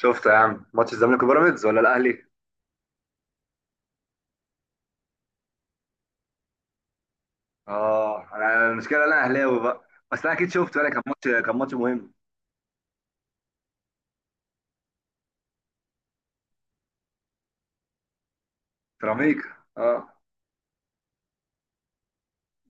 شفت يا عم ماتش الزمالك وبيراميدز ولا الاهلي؟ اه، انا المشكله انا اهلاوي بقى. بس انا اكيد شفت، كان ماتش كان ماتش مهم. سيراميكا، اه.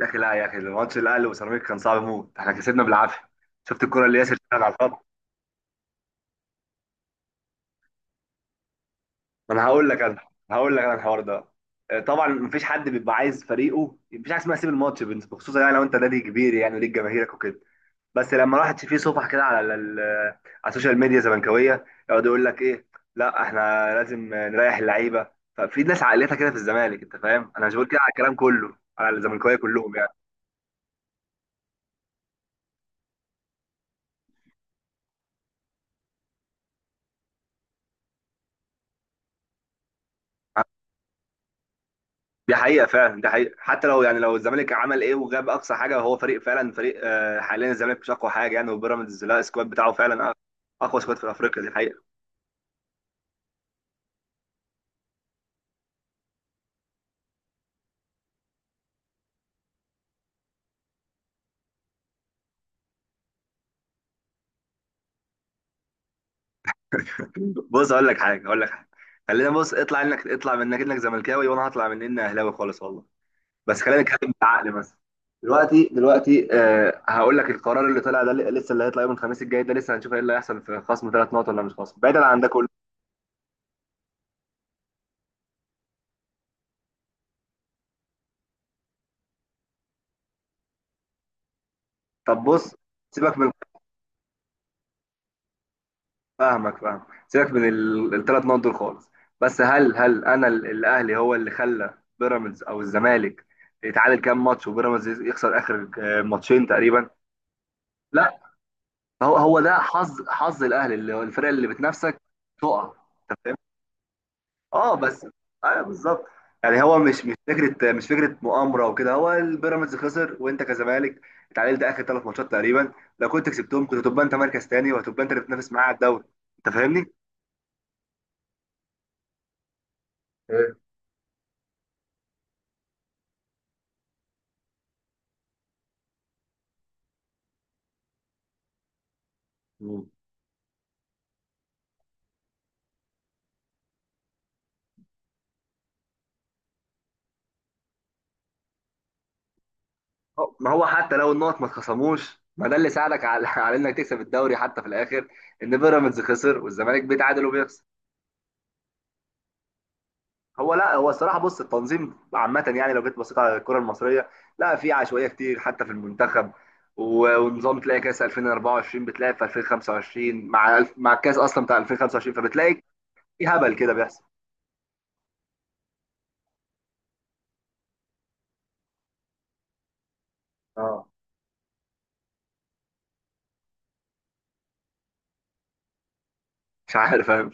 يا اخي لا يا اخي، الماتش الاهلي وسيراميكا كان صعب موت، احنا كسبنا بالعافيه. شفت الكره اللي ياسر شاهد على الخط؟ ما انا هقول لك انا هقول لك انا الحوار ده. طبعا مفيش حد بيبقى عايز فريقه، مفيش حاجه اسمها سيب الماتش، بخصوصا يعني لو انت نادي كبير يعني وليك جماهيرك وكده. بس لما راحت في صفح كده على على السوشيال ميديا زملكاويه، يقعد يقول لك ايه: لا احنا لازم نريح اللعيبه. ففي ناس عقليتها كده في الزمالك، انت فاهم، انا مش بقول كده على الكلام كله، على الزملكاويه كلهم يعني. دي حقيقه فعلا، دي حقيقه، حتى لو يعني لو الزمالك عمل ايه وجاب اقصى حاجه وهو فريق فعلا فريق، حاليا الزمالك مش اقوى حاجه يعني، وبيراميدز لا، السكواد بتاعه فعلا اقوى سكواد في افريقيا، دي حقيقه. بص اقول لك حاجه، اقول لك حاجه، خلينا، بص، اطلع انك، اطلع من انك انك زملكاوي، وانا هطلع من اني اهلاوي خالص والله. بس خلينا نتكلم بالعقل. مثلا دلوقتي آه، هقول لك القرار اللي طلع ده، لسه اللي هيطلع يوم الخميس الجاي ده، لسه هنشوف ايه اللي هيحصل، في خصم ثلاث نقط ولا مش خصم. بعيدا عن ده كله، طب بص، سيبك من، فاهمك فاهم، سيبك من الثلاث نقط دول خالص. بس هل انا، الاهلي هو اللي خلى بيراميدز او الزمالك يتعادل كام ماتش، وبيراميدز يخسر اخر ماتشين تقريبا؟ لا، هو ده حظ، حظ الاهلي اللي هو الفرق اللي بتنافسك تقع. اه بس، ايوه بالظبط. يعني هو مش، مش فكره مؤامره وكده، هو البيراميدز خسر، وانت كزمالك اتعادلت اخر ثلاث ماتشات تقريبا، لو كنت كسبتهم كنت هتبقى انت مركز تاني، وهتبقى انت اللي بتنافس معاه على الدوري. انت فاهمني؟ ايه. مم. ما هو حتى لو النقط ما اتخصموش، ما ده اللي ساعدك على على انك تكسب الدوري حتى في الاخر، ان بيراميدز خسر والزمالك بيتعادل وبيخسر. هو لا، هو الصراحه بص، التنظيم عامه يعني، لو جيت بصيت على الكره المصريه لا، في عشوائيه كتير، حتى في المنتخب، ونظام، تلاقي كاس 2024 بتلاقي في 2025 مع الكاس اصلا بتاع 2025، فبتلاقي في هبل كده بيحصل. اه، مش عارف، فاهم.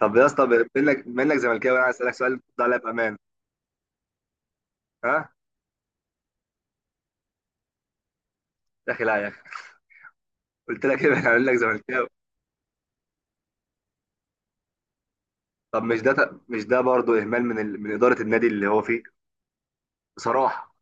طب يا اسطى، بما انك زملكاوي، انا عايز اسالك سؤال ترد عليا بامان. ها. يا اخي لا يا اخي، قلت لك ايه، انا هقول لك زملكاوي. طب مش ده برضه اهمال من ال... من اداره النادي اللي هو فيه؟ بصراحه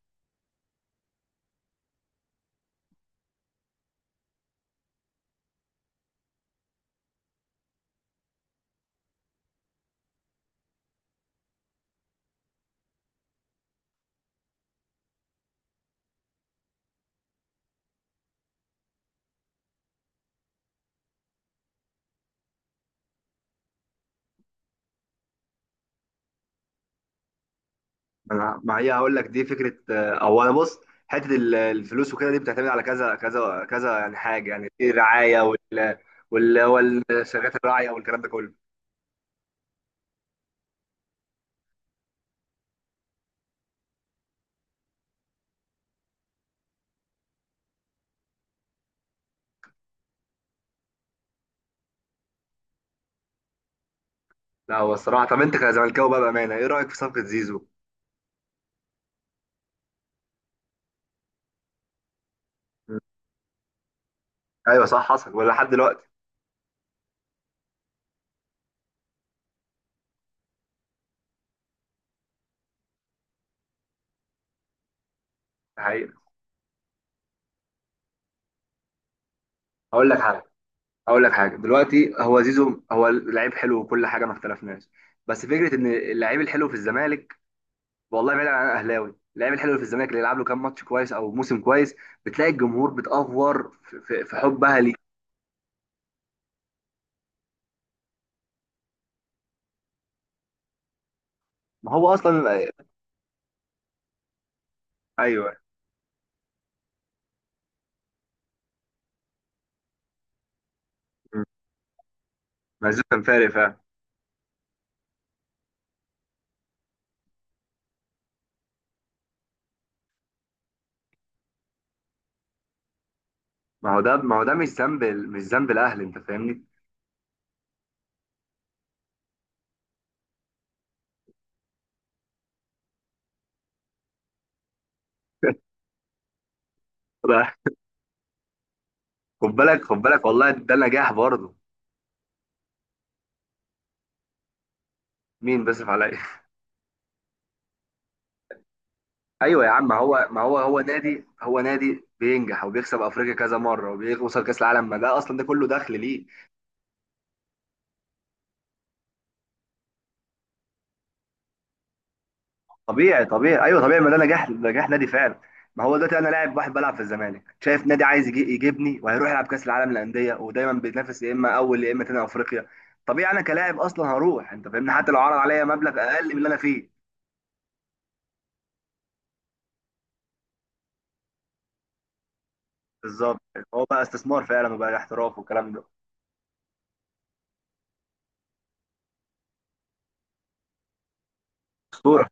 انا، ما هي هقول لك، دي فكره، او انا بص، حته الفلوس وكده، دي بتعتمد على كذا كذا كذا يعني، حاجه يعني، في رعايه، والشركات الراعيه والكلام ده كله. لا، هو الصراحه، طب انت كزملكاوي بقى بامانه ايه رايك في صفقه زيزو؟ مم. ايوه صح، حصل ولا لحد دلوقتي؟ ده حقيقة. هقول لك حاجه، هقول لك حاجه. دلوقتي هو زيزو هو لعيب حلو وكل حاجه، ما اختلفناش. بس فكره ان اللعيب الحلو في الزمالك، والله بعيد عن الاهلاوي، اللعيب الحلو اللي في الزمالك اللي يلعب له كام ماتش كويس او موسم كويس، بتلاقي الجمهور بتأفور في حبها ليه. ما هو اصلا. ايوه. مم. مازو كان فارق فعلا. ما هو ده، ما هو ده مش ذنب، مش ذنب الاهلي، انت فاهمني؟ ده- خد بالك، خد بالك، والله ده نجاح برضه. مين بيصرف عليا؟ ايوه يا عم، ما هو، هو نادي بينجح وبيكسب افريقيا كذا مره، وبيوصل كاس العالم، ما ده اصلا ده كله دخل ليه. طبيعي طبيعي، ايوه طبيعي، ما ده نجاح، نجاح نادي فعلا. ما هو دلوقتي انا لاعب واحد بلعب في الزمالك، شايف نادي عايز يجي يجيبني وهيروح يلعب كاس العالم للانديه، ودايما بيتنافس يا اما اول يا اما تاني افريقيا، طبيعي انا كلاعب اصلا هروح، انت فاهمني، حتى لو عرض عليا مبلغ اقل من اللي انا فيه. بالظبط، هو بقى استثمار فعلا، وبقى احتراف والكلام ده. اسطوره.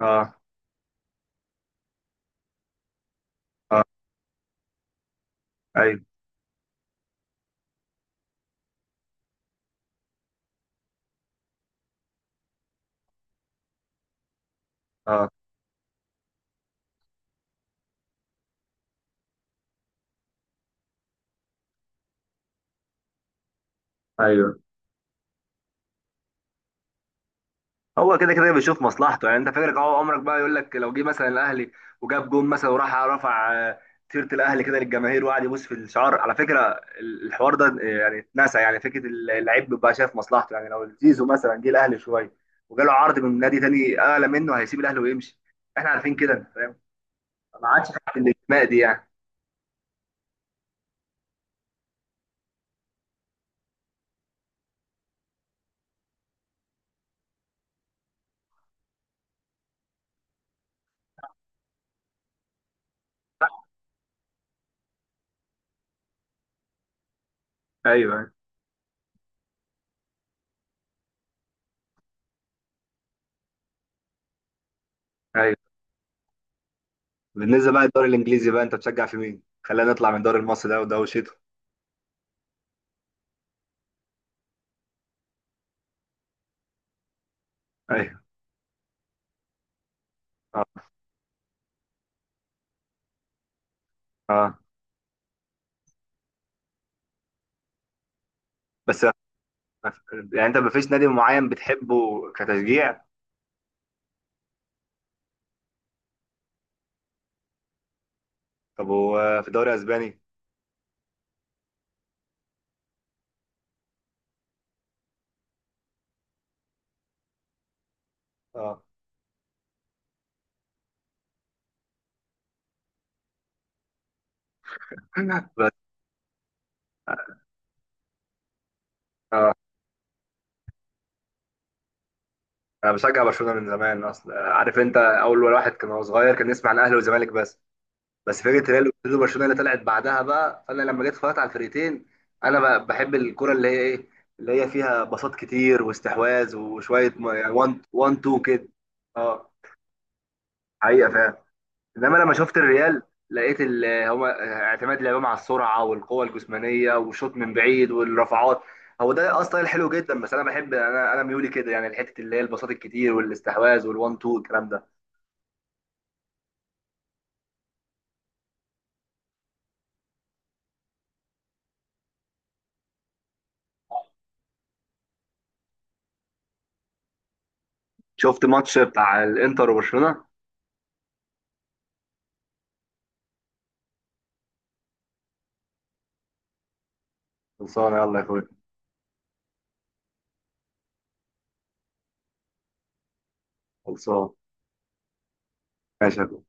اه. اه. ايوه. اه. ايوه. هو كده كده بيشوف مصلحته يعني، انت فاكرك اهو عمرك بقى يقول لك، لو جه مثلا الاهلي وجاب جون مثلا وراح رفع تيشيرت الاهلي كده للجماهير وقعد يبوس في الشعار، على فكره الحوار ده يعني اتنسى، يعني فكره اللعيب بيبقى شايف مصلحته يعني، لو زيزو مثلا جه الاهلي شويه وجاله عرض من نادي تاني اعلى منه هيسيب الاهلي ويمشي، احنا عارفين كده، انت فاهم، ما عادش حته الانتماء دي يعني. ايوه. ايوه. بالنسبه بقى للدوري الانجليزي، بقى انت بتشجع في مين؟ خلينا نطلع من الدوري المصري ده وده وشيته. ايوه. اه. اه. بس يعني انت مفيش نادي معين بتحبه كتشجيع؟ طب هو في الدوري الاسباني؟ اه. بس انا بشجع برشلونه من زمان اصلا، عارف انت، اول واحد كان هو صغير كان يسمع عن الاهلي والزمالك بس، بس فكره ريال وبرشلونه، برشلونة اللي طلعت بعدها بقى، فانا لما جيت اتفرجت على الفرقتين، انا بحب الكره اللي هي ايه، اللي هي فيها بساط كتير واستحواذ وشويه 1 1 2 كده. اه. حقيقه فعلا. انما لما شفت الريال لقيت هما اعتماد لعبهم على السرعه والقوه الجسمانيه والشوط من بعيد والرفعات، هو ده اصلا الحلو جدا، بس انا بحب، انا ميولي كده يعني، الحته اللي هي البساط الكتير والاستحواذ والوان تو الكلام ده. شفت ماتش بتاع الانتر وبرشلونه؟ خلصان، يلا يا اخويا. خلصان. ماشي يا أخويا.